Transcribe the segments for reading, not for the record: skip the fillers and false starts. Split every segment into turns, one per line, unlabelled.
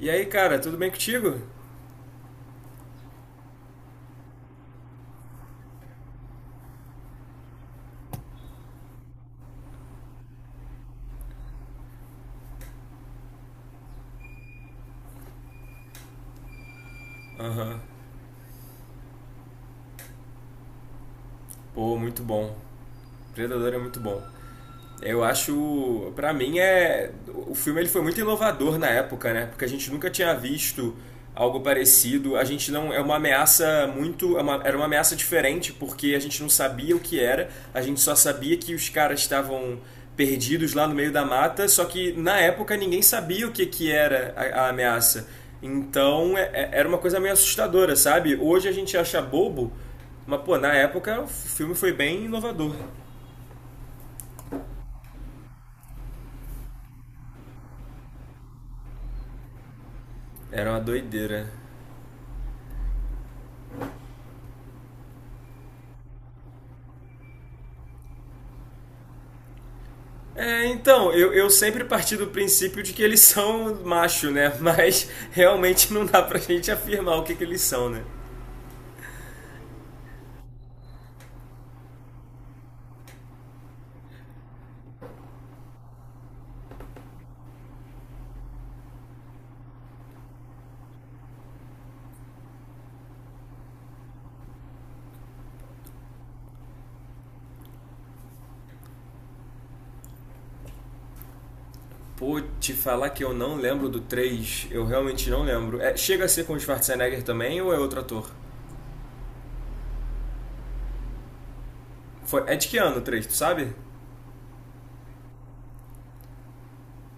E aí, cara, tudo bem contigo? Aham. Pô, muito bom. Predador é muito bom. Eu acho, pra mim é, o filme ele foi muito inovador na época, né? Porque a gente nunca tinha visto algo parecido. A gente não é uma ameaça muito, era uma ameaça diferente porque a gente não sabia o que era. A gente só sabia que os caras estavam perdidos lá no meio da mata, só que na época ninguém sabia o que que era a ameaça. Então era uma coisa meio assustadora, sabe? Hoje a gente acha bobo, mas pô, na época o filme foi bem inovador. Era uma doideira. É, então, eu sempre parti do princípio de que eles são macho, né? Mas realmente não dá pra gente afirmar o que eles são, né? Pô, te falar que eu não lembro do 3, eu realmente não lembro. É, chega a ser com o Schwarzenegger também ou é outro ator? Foi, é de que ano o 3? Tu sabe?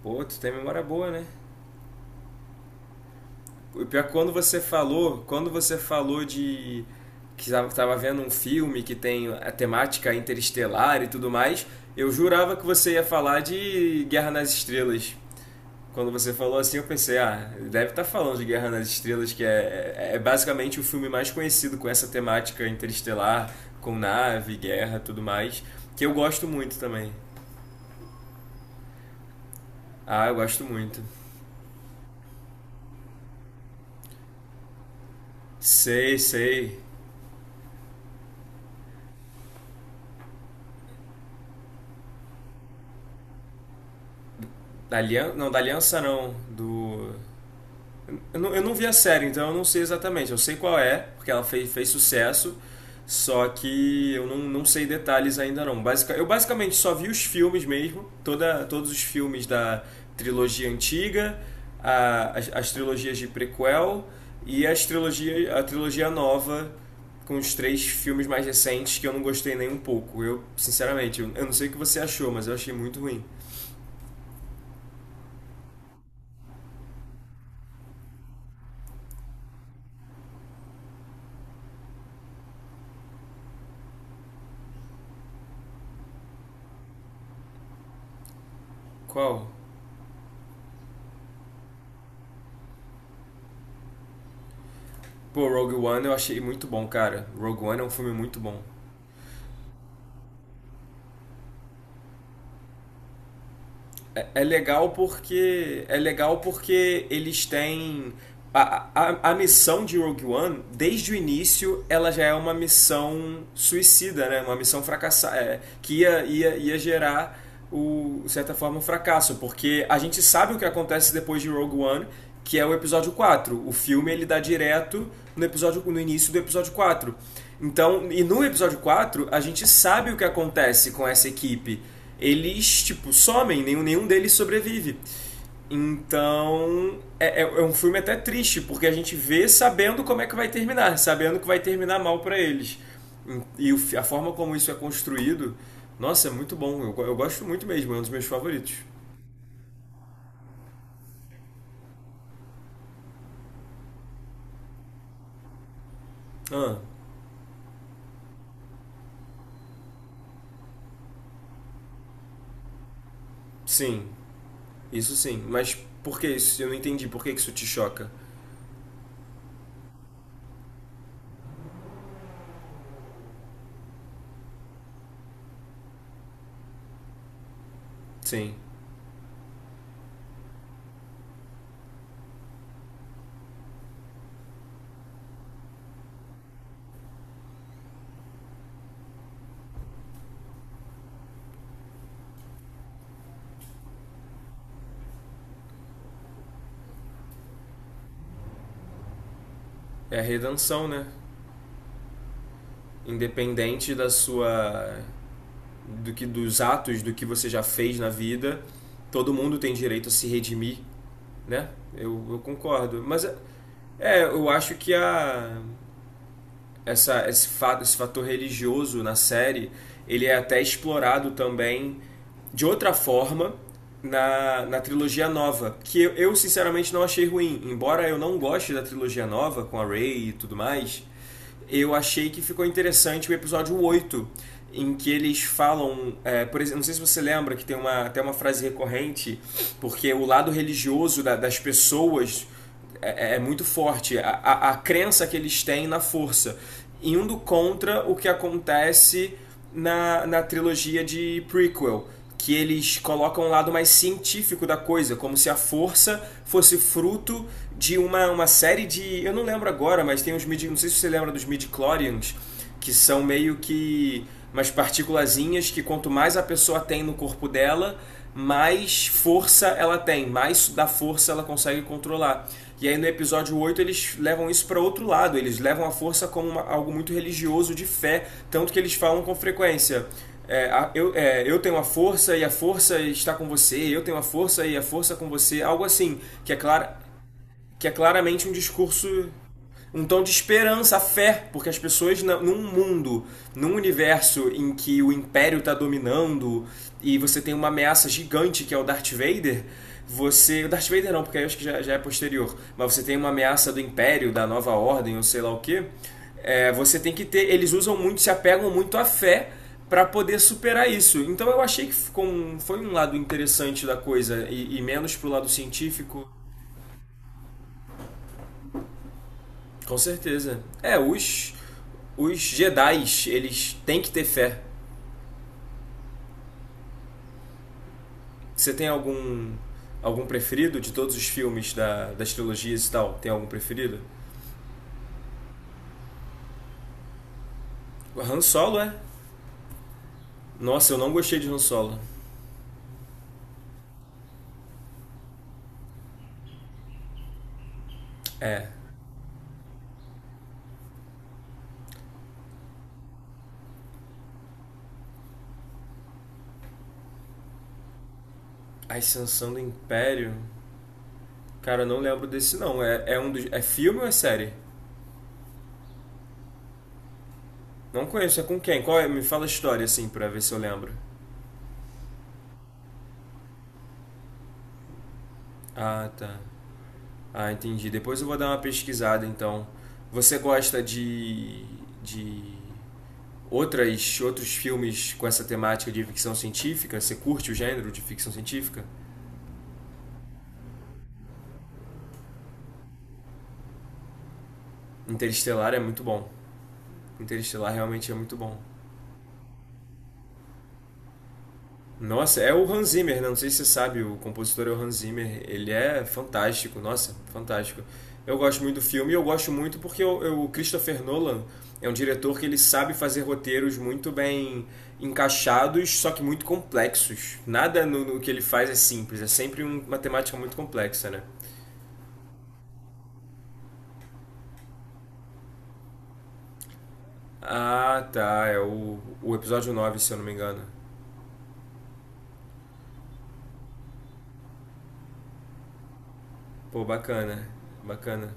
Pô, tu tem memória boa, né? O pior é que quando você falou de que estava vendo um filme que tem a temática interestelar e tudo mais, eu jurava que você ia falar de Guerra nas Estrelas. Quando você falou assim, eu pensei, ah, deve estar falando de Guerra nas Estrelas, que é basicamente o filme mais conhecido com essa temática interestelar, com nave, guerra, tudo mais, que eu gosto muito também. Ah, eu gosto muito. Sei, sei. Da aliança não, do. Eu não vi a série, então eu não sei exatamente. Eu sei qual é, porque ela fez, fez sucesso, só que eu não sei detalhes ainda não. Basica, eu basicamente só vi os filmes mesmo, todos os filmes da trilogia antiga, as trilogias de prequel e a trilogia nova com os três filmes mais recentes que eu não gostei nem um pouco. Eu, sinceramente, eu não sei o que você achou, mas eu achei muito ruim. Qual? Pô, Rogue One eu achei muito bom, cara. Rogue One é um filme muito bom. É, é legal porque eles têm a missão de Rogue One desde o início ela já é uma missão suicida, né? Uma missão fracassada é, que ia gerar o, de certa forma um fracasso, porque a gente sabe o que acontece depois de Rogue One, que é o episódio quatro. O filme ele dá direto no episódio, no início do episódio quatro. Então, e no episódio 4 a gente sabe o que acontece com essa equipe, eles, tipo, somem, nenhum deles sobrevive. Então, é um filme até triste, porque a gente vê sabendo como é que vai terminar, sabendo que vai terminar mal pra eles. E o, a forma como isso é construído, nossa, é muito bom. Eu gosto muito mesmo, é um dos meus favoritos. Ah, sim, isso sim. Mas por que isso? Eu não entendi. Por que que isso te choca? Sim. É a redenção, né? Independente da sua, do que, dos atos do que você já fez na vida. Todo mundo tem direito a se redimir, né? Eu concordo. Mas eu acho que a, essa, esse, fato, esse fator religioso na série ele é até explorado também de outra forma na trilogia nova, que eu sinceramente não achei ruim. Embora eu não goste da trilogia nova com a Rey e tudo mais, eu achei que ficou interessante o episódio 8 em que eles falam, é, por exemplo, não sei se você lembra que tem uma, até uma frase recorrente, porque o lado religioso da- das pessoas é muito forte, a crença que eles têm na força, indo contra o que acontece na trilogia de prequel, que eles colocam um lado mais científico da coisa, como se a força fosse fruto de uma série de. Eu não lembro agora, mas tem uns mid. Não sei se você lembra dos midi-chlorians, que são meio que umas partículazinhas que quanto mais a pessoa tem no corpo dela, mais força ela tem, mais da força ela consegue controlar. E aí no episódio 8 eles levam isso para outro lado, eles levam a força como algo muito religioso de fé, tanto que eles falam com frequência. é, eu tenho a força e a força está com você, eu tenho a força e a força com você, algo assim, que é claro, que é claramente um discurso, um tom de esperança, fé, porque as pessoas num mundo, num universo em que o império está dominando e você tem uma ameaça gigante que é o Darth Vader, você, o Darth Vader não, porque eu acho que já, já é posterior, mas você tem uma ameaça do império, da nova ordem, ou sei lá o que, é, você tem que ter, eles usam muito, se apegam muito à fé para poder superar isso. Então eu achei que ficou um- foi um lado interessante da coisa e menos pro lado científico. Com certeza. É, os Jedi's eles têm que ter fé. Você tem algum, algum preferido de todos os filmes da, das trilogias e tal? Tem algum preferido? O Han Solo, é? Nossa, eu não gostei de Han Solo. É. A Ascensão do Império? Cara, eu não lembro desse não. É, é um dos, é filme ou é série? Não conheço. É com quem? Qual é? Me fala a história assim pra ver se eu lembro. Ah, tá. Ah, entendi. Depois eu vou dar uma pesquisada então. Você gosta de, outras, outros filmes com essa temática de ficção científica? Você curte o gênero de ficção científica? Interestelar é muito bom. Interestelar realmente é muito bom. Nossa, é o Hans Zimmer, né? Não sei se você sabe, o compositor é o Hans Zimmer. Ele é fantástico, nossa, fantástico. Eu gosto muito do filme e eu gosto muito porque eu, o Christopher Nolan é um diretor que ele sabe fazer roteiros muito bem encaixados, só que muito complexos. Nada no que ele faz é simples, é sempre um- uma temática muito complexa, né? Ah, tá. É o episódio 9, se eu não me engano. Pô, bacana. Bacana.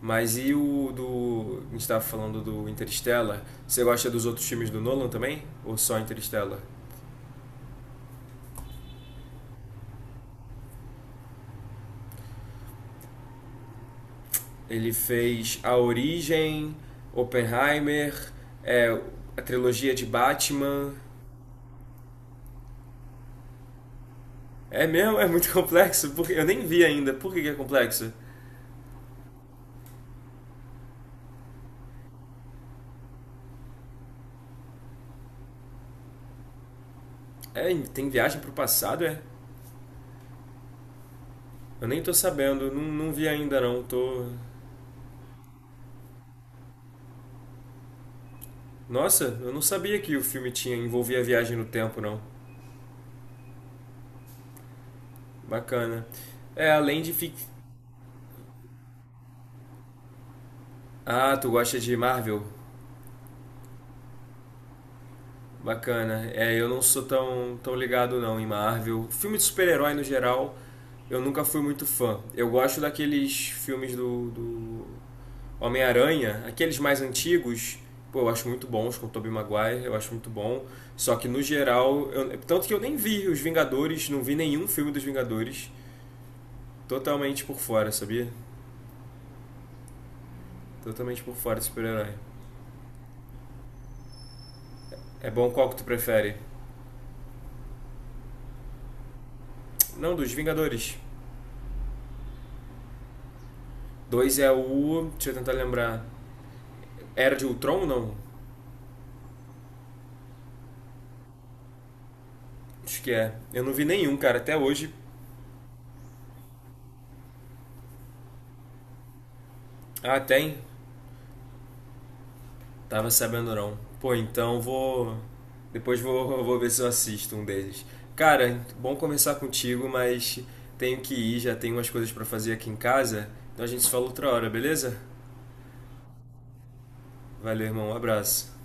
Mas e o do. A gente tava falando do Interstellar. Você gosta dos outros filmes do Nolan também? Ou só Interstellar? Ele fez A Origem, Oppenheimer, é, a trilogia de Batman. É mesmo? É muito complexo? Porque eu nem vi ainda. Por que que é complexo? É, tem viagem pro passado, é? Eu nem tô sabendo. Não, não vi ainda não. Tô. Nossa, eu não sabia que o filme tinha envolvia viagem no tempo, não. Bacana. É, além de fic... Ah, tu gosta de Marvel? Bacana. É, eu não sou tão, tão ligado não em Marvel. Filme de super-herói no geral, eu nunca fui muito fã. Eu gosto daqueles filmes do Homem-Aranha, aqueles mais antigos. Pô, eu acho muito bons, com o Tobey Maguire, eu acho muito bom. Só que no geral, eu- tanto que eu nem vi os Vingadores, não vi nenhum filme dos Vingadores. Totalmente por fora, sabia? Totalmente por fora de super-herói. É bom, qual que tu prefere? Não, dos Vingadores. Dois é o. Deixa eu tentar lembrar. Era de Ultron, não? Acho que é. Eu não vi nenhum, cara, até hoje. Ah, tem? Tava sabendo não. Pô, então vou. Depois vou, vou ver se eu assisto um deles. Cara, bom conversar contigo, mas tenho que ir, já tenho umas coisas pra fazer aqui em casa. Então a gente se fala outra hora, beleza? Valeu, irmão, um abraço.